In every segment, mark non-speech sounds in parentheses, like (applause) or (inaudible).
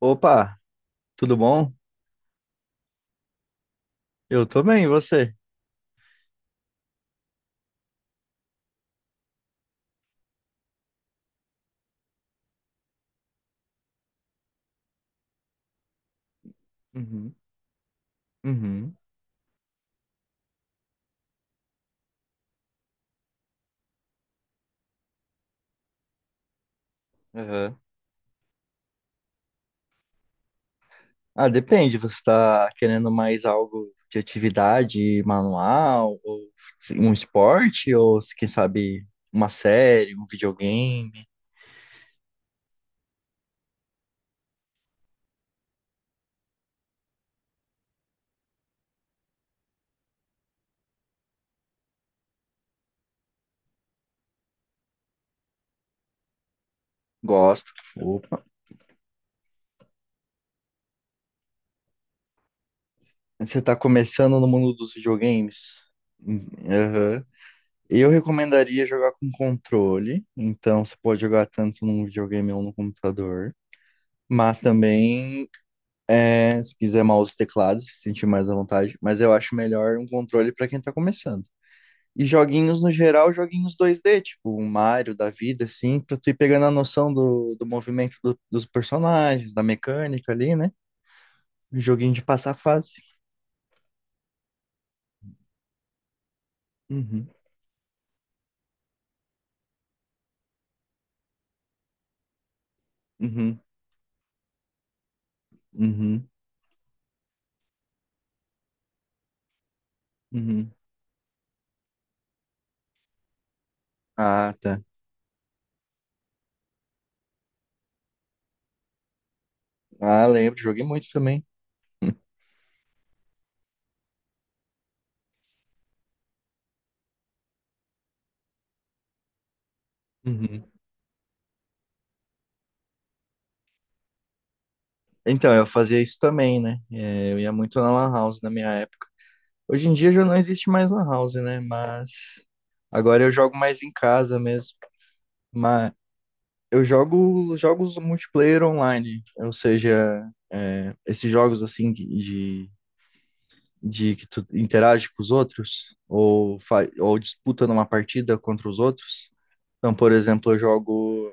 Opa, tudo bom? Eu tô bem, e você? Uhum, uhum, aham. Ah, depende, você tá querendo mais algo de atividade manual, ou um esporte, ou quem sabe uma série, um videogame? Gosto. Opa. Você tá começando no mundo dos videogames? Hum. Aham. Eu recomendaria jogar com controle, então você pode jogar tanto num videogame ou no computador, mas também é, se quiser mouse e teclado, se sentir mais à vontade, mas eu acho melhor um controle para quem tá começando. E joguinhos no geral, joguinhos dois d, tipo um Mario da vida, assim, pra tu ir pegando a noção do, do movimento dos personagens, da mecânica ali, né? Joguinho de passar fase. Uhum, uhum, uhum, uhum. Ah, tá. Ah, lembro, joguei muito também. Uhum. Então, eu fazia isso também, né? É, eu ia muito na Lan House na minha época. Hoje em dia já não existe mais lan house, né? Mas agora eu jogo mais em casa mesmo. Mas eu jogo jogos multiplayer online, ou seja, é, esses jogos assim de que tu interage com os outros ou, ou disputa numa partida contra os outros. Então, por exemplo, eu jogo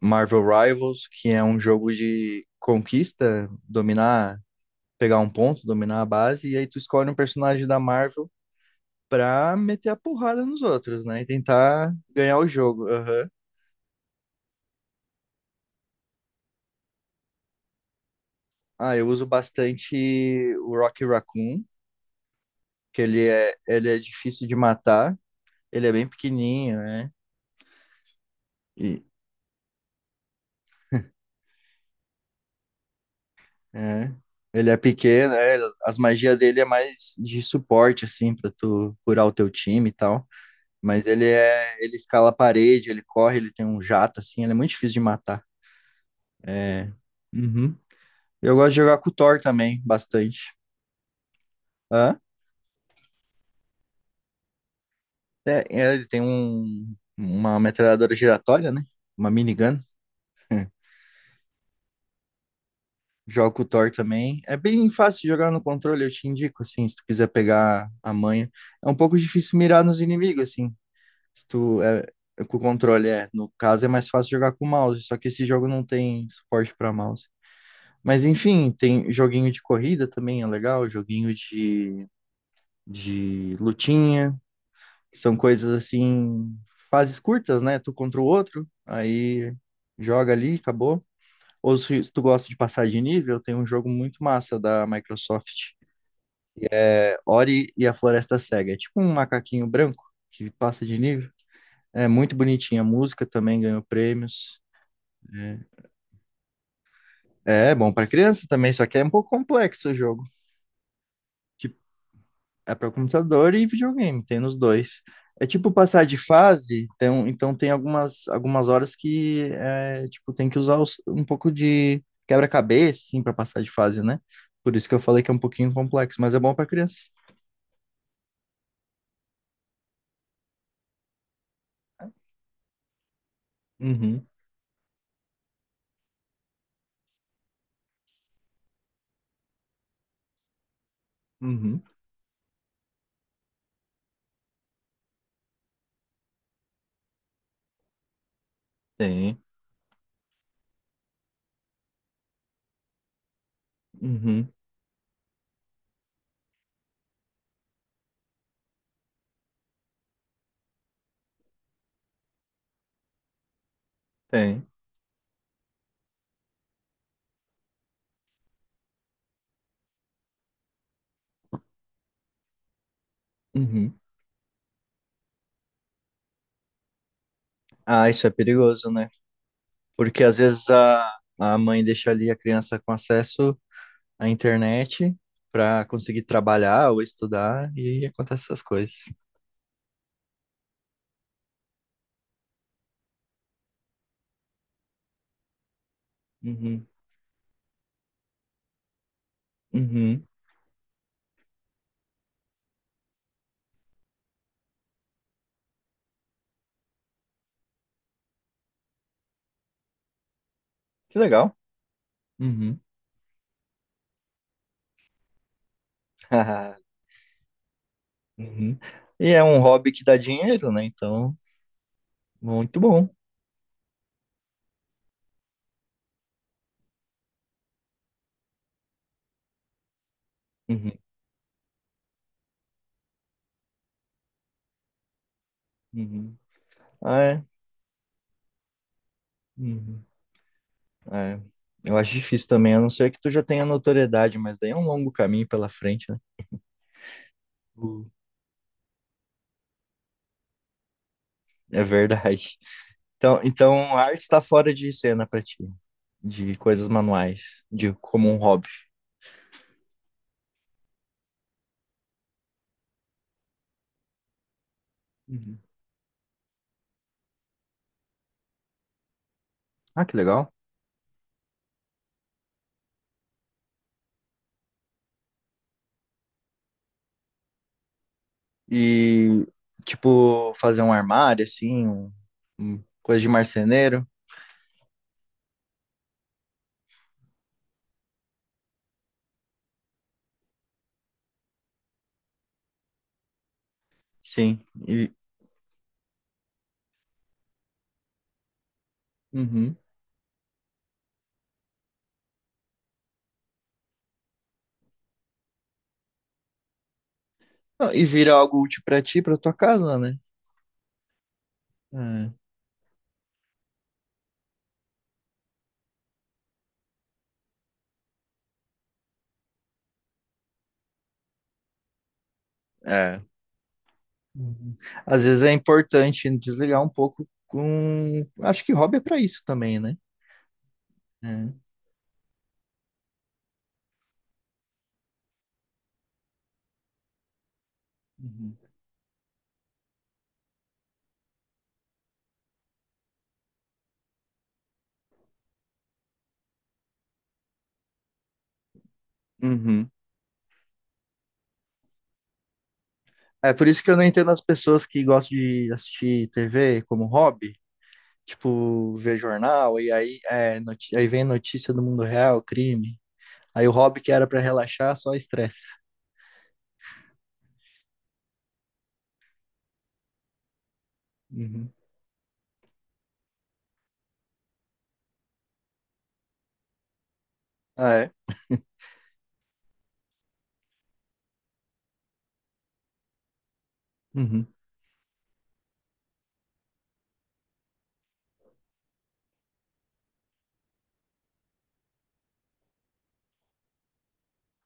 Marvel Rivals, que é um jogo de conquista, dominar, pegar um ponto, dominar a base, e aí tu escolhe um personagem da Marvel pra meter a porrada nos outros, né? E tentar ganhar o jogo. Aham. Ah, eu uso bastante o Rocky Raccoon, que ele é difícil de matar, ele é bem pequenininho, né? E, é. Ele é pequeno, é, as magias dele é mais de suporte, assim, pra tu curar o teu time e tal. Mas ele é, ele escala a parede, ele corre, ele tem um jato, assim, ele é muito difícil de matar. É. Uhum. Eu gosto de jogar com o Thor também, bastante. Hã? É, é, ele tem um, uma metralhadora giratória, né? Uma minigun. (laughs) Joga com o Thor também. É bem fácil de jogar no controle, eu te indico, assim, se tu quiser pegar a manha. É um pouco difícil mirar nos inimigos, assim. Se tu é, é com o controle, é. No caso, é mais fácil jogar com o mouse, só que esse jogo não tem suporte para mouse. Mas enfim, tem joguinho de corrida também, é legal. Joguinho de lutinha. São coisas assim, fases curtas, né? Tu contra o outro, aí joga ali, acabou. Ou se tu gosta de passar de nível, tem um jogo muito massa da Microsoft, é Ori e a Floresta Cega. É tipo um macaquinho branco que passa de nível. É muito bonitinha a música, também ganhou prêmios. É, é bom para criança também, só que é um pouco complexo o jogo. É para computador e videogame, tem nos dois. É tipo passar de fase, então, então tem algumas, algumas horas que é, tipo, tem que usar um pouco de quebra-cabeça, assim, para passar de fase, né? Por isso que eu falei que é um pouquinho complexo, mas é bom para criança. Uhum, uhum, tem, uhum, tem, uhum. Ah, isso é perigoso, né? Porque às vezes a mãe deixa ali a criança com acesso à internet para conseguir trabalhar ou estudar e acontece essas coisas. Uhum. Uhum. Que legal. Uhum. (laughs) Uhum. E é um hobby que dá dinheiro, né? Então, muito bom. Uhum. Uhum. Ah, é. Uhum. É. Eu acho difícil também, a não ser que tu já tenha notoriedade, mas daí é um longo caminho pela frente, né? Uh. É verdade. Então, então a arte está fora de cena para ti, de coisas manuais, de como um hobby. Uhum. Ah, que legal. E, tipo, fazer um armário, assim, um coisa de marceneiro. Sim, e, uhum. Não, e vira algo útil pra ti, pra tua casa, né? É, é. Uhum. Às vezes é importante desligar um pouco com. Acho que hobby é pra isso também, né? É. Uhum. Uhum. É por isso que eu não entendo as pessoas que gostam de assistir TV como hobby, tipo, ver jornal, e aí, é, aí vem notícia do mundo real, crime. Aí o hobby que era pra relaxar, só estresse. Uhum. Ah, é? Uhum.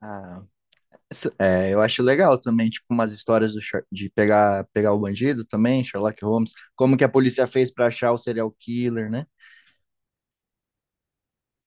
Ah, Essa- é, eu acho legal também, tipo, umas histórias do de pegar, pegar o bandido também, Sherlock Holmes, como que a polícia fez pra achar o serial killer, né?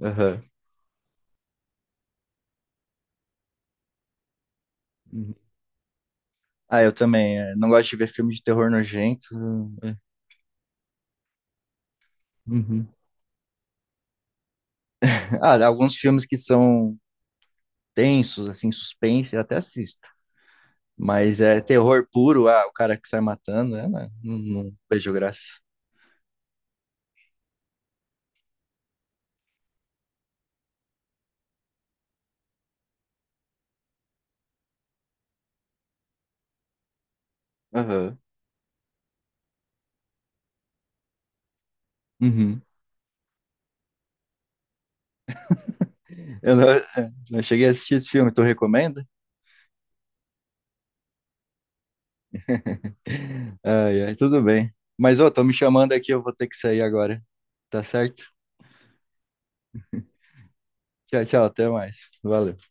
Aham. Uhum. Ah, eu também, é, não gosto de ver filme de terror nojento. É. Uhum. (laughs) Ah, alguns filmes que são tensos, assim, suspense, eu até assisto. Mas é terror puro, ah, o cara que sai matando, é, né? Não, não vejo graça. Aham. Uhum. Eu não, (laughs) eu não cheguei a assistir esse filme, tu recomenda? (laughs) Ai, ai, tudo bem. Mas, ô, tô me chamando aqui, eu vou ter que sair agora. Tá certo? Tchau, tchau, até mais. Valeu.